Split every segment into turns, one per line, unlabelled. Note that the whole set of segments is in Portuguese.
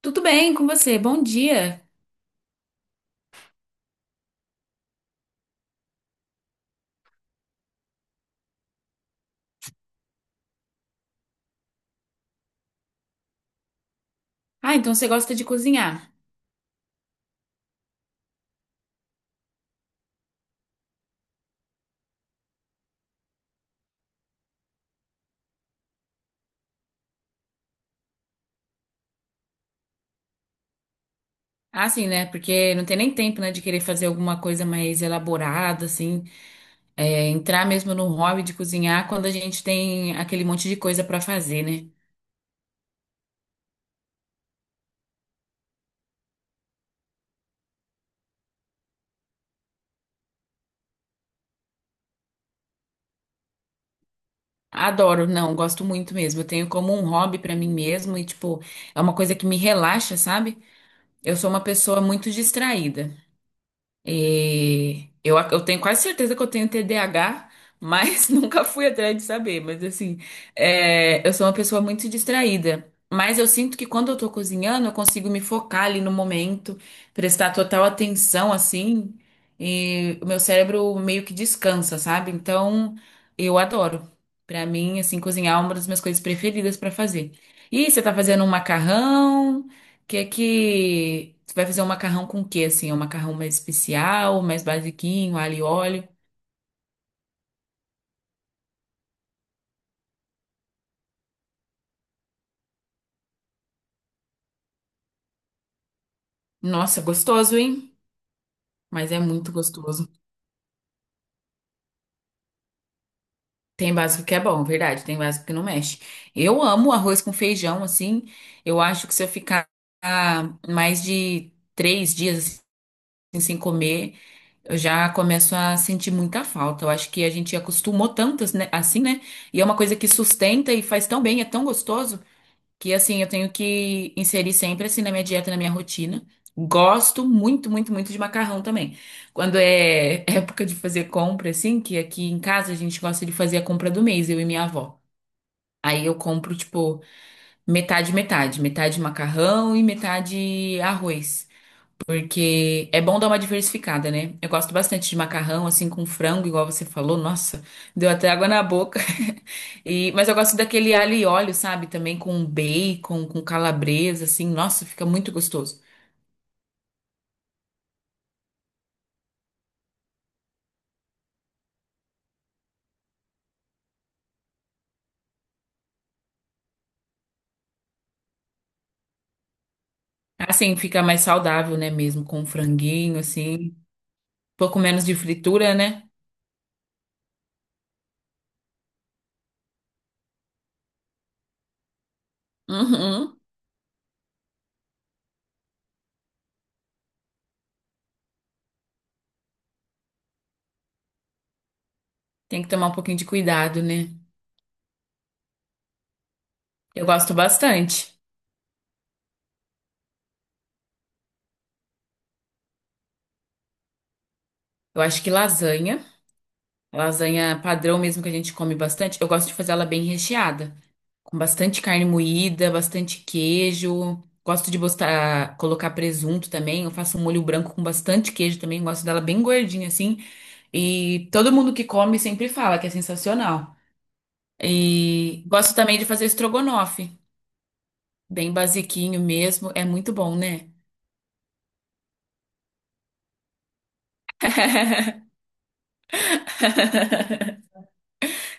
Tudo bem com você? Bom dia. Ah, então você gosta de cozinhar. Ah, sim, né? Porque não tem nem tempo, né, de querer fazer alguma coisa mais elaborada, assim, entrar mesmo no hobby de cozinhar quando a gente tem aquele monte de coisa pra fazer, né? Adoro, não, gosto muito mesmo. Eu tenho como um hobby pra mim mesmo e, tipo, é uma coisa que me relaxa, sabe? Eu sou uma pessoa muito distraída. E eu tenho quase certeza que eu tenho TDAH, mas nunca fui atrás de saber. Mas assim, eu sou uma pessoa muito distraída. Mas eu sinto que quando eu tô cozinhando, eu consigo me focar ali no momento, prestar total atenção, assim, e o meu cérebro meio que descansa, sabe? Então, eu adoro. Pra mim, assim, cozinhar é uma das minhas coisas preferidas pra fazer. E você tá fazendo um macarrão? Que é que você vai fazer um macarrão com o quê assim? É um macarrão mais especial, mais basiquinho, alho e óleo. Nossa, gostoso, hein? Mas é muito gostoso. Tem básico que é bom, verdade. Tem básico que não mexe. Eu amo arroz com feijão, assim. Eu acho que se eu ficar mais de três dias assim, sem comer, eu já começo a sentir muita falta. Eu acho que a gente acostumou tanto, né, assim, né? E é uma coisa que sustenta e faz tão bem, é tão gostoso, que assim eu tenho que inserir sempre assim na minha dieta, na minha rotina. Gosto muito, muito, muito de macarrão também. Quando é época de fazer compra, assim, que aqui em casa a gente gosta de fazer a compra do mês, eu e minha avó. Aí eu compro, tipo, metade, metade. Metade macarrão e metade arroz. Porque é bom dar uma diversificada, né? Eu gosto bastante de macarrão, assim, com frango, igual você falou. Nossa, deu até água na boca. Mas eu gosto daquele alho e óleo, sabe? Também com bacon, com calabresa, assim. Nossa, fica muito gostoso. Assim, fica mais saudável, né? Mesmo com franguinho, assim. Um pouco menos de fritura, né? Uhum. Tem que tomar um pouquinho de cuidado, né? Eu gosto bastante. Eu acho que lasanha. Lasanha padrão mesmo que a gente come bastante. Eu gosto de fazer ela bem recheada, com bastante carne moída, bastante queijo. Gosto de botar, colocar presunto também. Eu faço um molho branco com bastante queijo também. Gosto dela bem gordinha assim. E todo mundo que come sempre fala que é sensacional. E gosto também de fazer estrogonofe, bem basiquinho mesmo. É muito bom, né?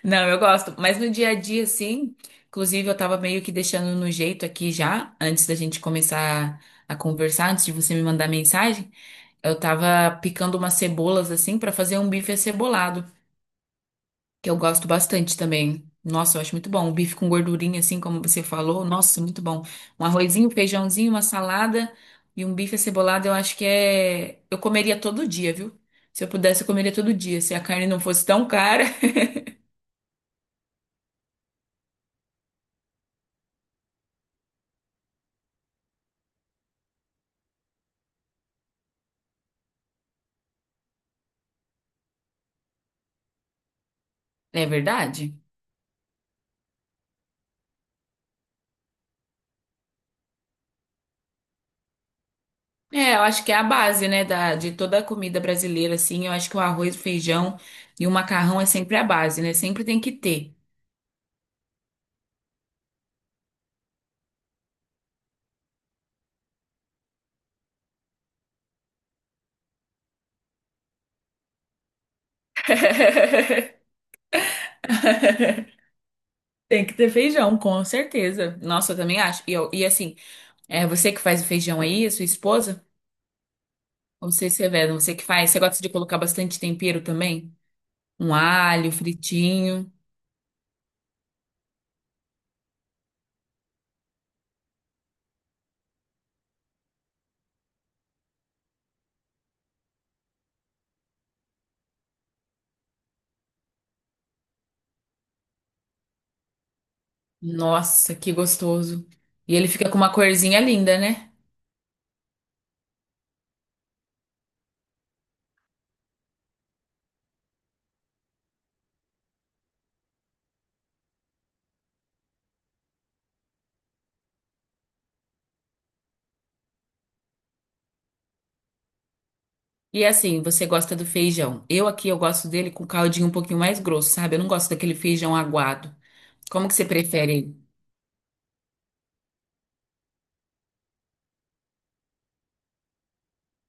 Não, eu gosto, mas no dia a dia, sim. Inclusive, eu tava meio que deixando no jeito aqui já, antes da gente começar a conversar, antes de você me mandar mensagem. Eu tava picando umas cebolas assim pra fazer um bife acebolado, que eu gosto bastante também. Nossa, eu acho muito bom. Um bife com gordurinha, assim como você falou. Nossa, muito bom. Um arrozinho, um feijãozinho, uma salada e um bife acebolado, eu acho que é. Eu comeria todo dia, viu? Se eu pudesse, eu comeria todo dia. Se a carne não fosse tão cara. É verdade? É, eu acho que é a base, né, da, de toda a comida brasileira, assim. Eu acho que o arroz, o feijão e o macarrão é sempre a base, né? Sempre tem que ter. Tem que ter feijão, com certeza. Nossa, eu também acho. E, e assim, é você que faz o feijão aí, a sua esposa? Ou você, Severo, você que faz? Você gosta de colocar bastante tempero também? Um alho fritinho. Nossa, que gostoso. E ele fica com uma corzinha linda, né? E assim, você gosta do feijão. Eu aqui, eu gosto dele com caldinho um pouquinho mais grosso, sabe? Eu não gosto daquele feijão aguado. Como que você prefere ele?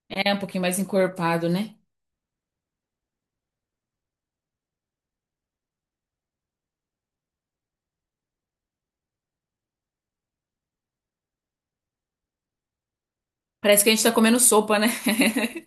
É, um pouquinho mais encorpado, né? Parece que a gente tá comendo sopa, né?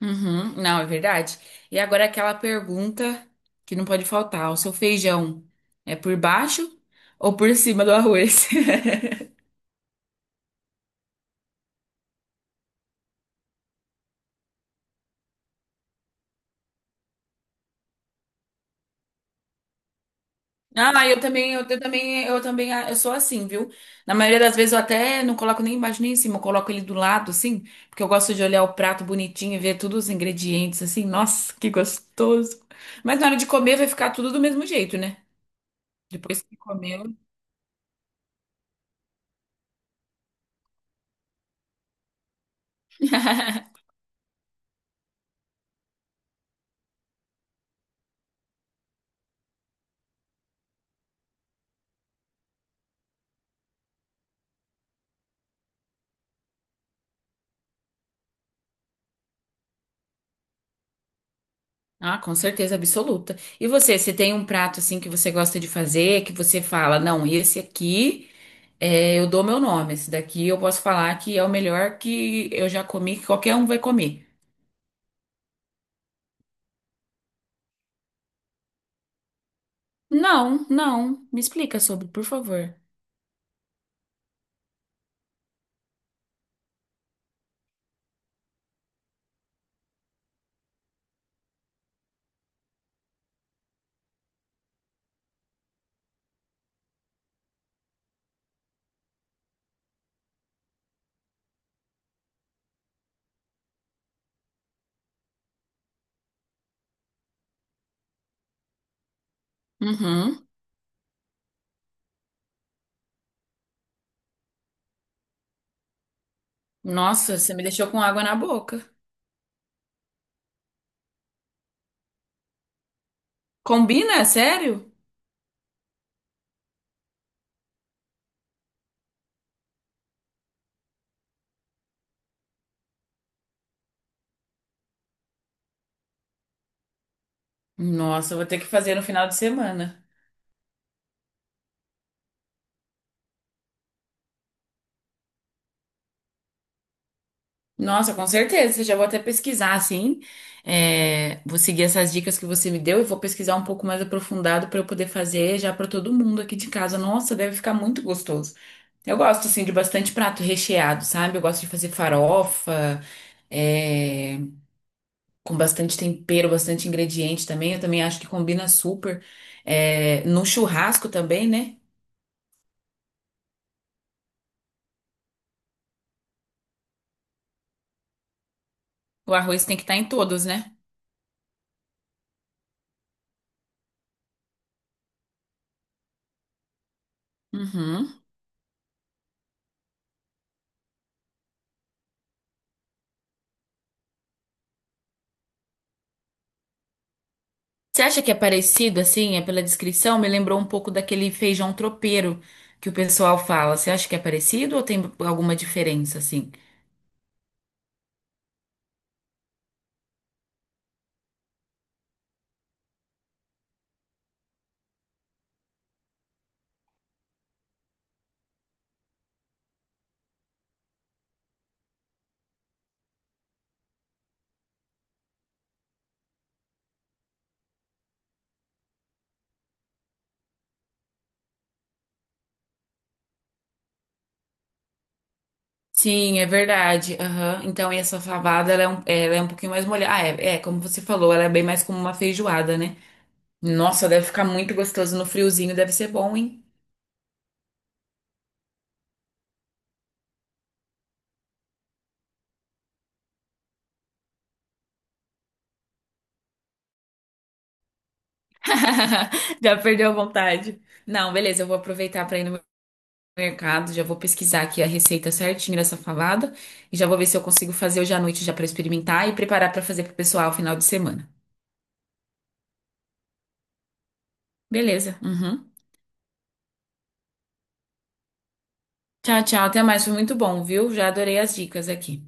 Uhum, não, é verdade. E agora aquela pergunta que não pode faltar: o seu feijão é por baixo ou por cima do arroz? Ah, eu também, ah, eu sou assim, viu? Na maioria das vezes eu até não coloco nem embaixo nem em cima, eu coloco ele do lado, assim, porque eu gosto de olhar o prato bonitinho e ver todos os ingredientes, assim, nossa, que gostoso. Mas na hora de comer vai ficar tudo do mesmo jeito, né? Depois que comeu. Ah, com certeza absoluta. E você, você tem um prato, assim, que você gosta de fazer, que você fala, não, esse aqui. É, eu dou meu nome. Esse daqui eu posso falar que é o melhor que eu já comi, que qualquer um vai comer. Não, não. Me explica sobre, por favor. Uhum. Nossa, você me deixou com água na boca. Combina? É sério? Nossa, eu vou ter que fazer no final de semana. Nossa, com certeza. Já vou até pesquisar, assim. É, vou seguir essas dicas que você me deu e vou pesquisar um pouco mais aprofundado para eu poder fazer já para todo mundo aqui de casa. Nossa, deve ficar muito gostoso. Eu gosto, assim, de bastante prato recheado, sabe? Eu gosto de fazer farofa, é, com bastante tempero, bastante ingrediente também. Eu também acho que combina super. É, no churrasco também, né? O arroz tem que estar em todos, né? Uhum. Você acha que é parecido, assim, é pela descrição? Me lembrou um pouco daquele feijão tropeiro que o pessoal fala. Você acha que é parecido ou tem alguma diferença, assim? Sim, é verdade. Aham. Então, e essa fabada, ela é um pouquinho mais molhada. Ah, é, é, como você falou, ela é bem mais como uma feijoada, né? Nossa, deve ficar muito gostoso no friozinho, deve ser bom, hein? Já perdeu a vontade. Não, beleza, eu vou aproveitar para ir no mercado, já vou pesquisar aqui a receita certinho dessa falada e já vou ver se eu consigo fazer hoje à noite já para experimentar e preparar para fazer pro pessoal final de semana. Beleza. Uhum. Tchau, tchau. Até mais. Foi muito bom, viu? Já adorei as dicas aqui.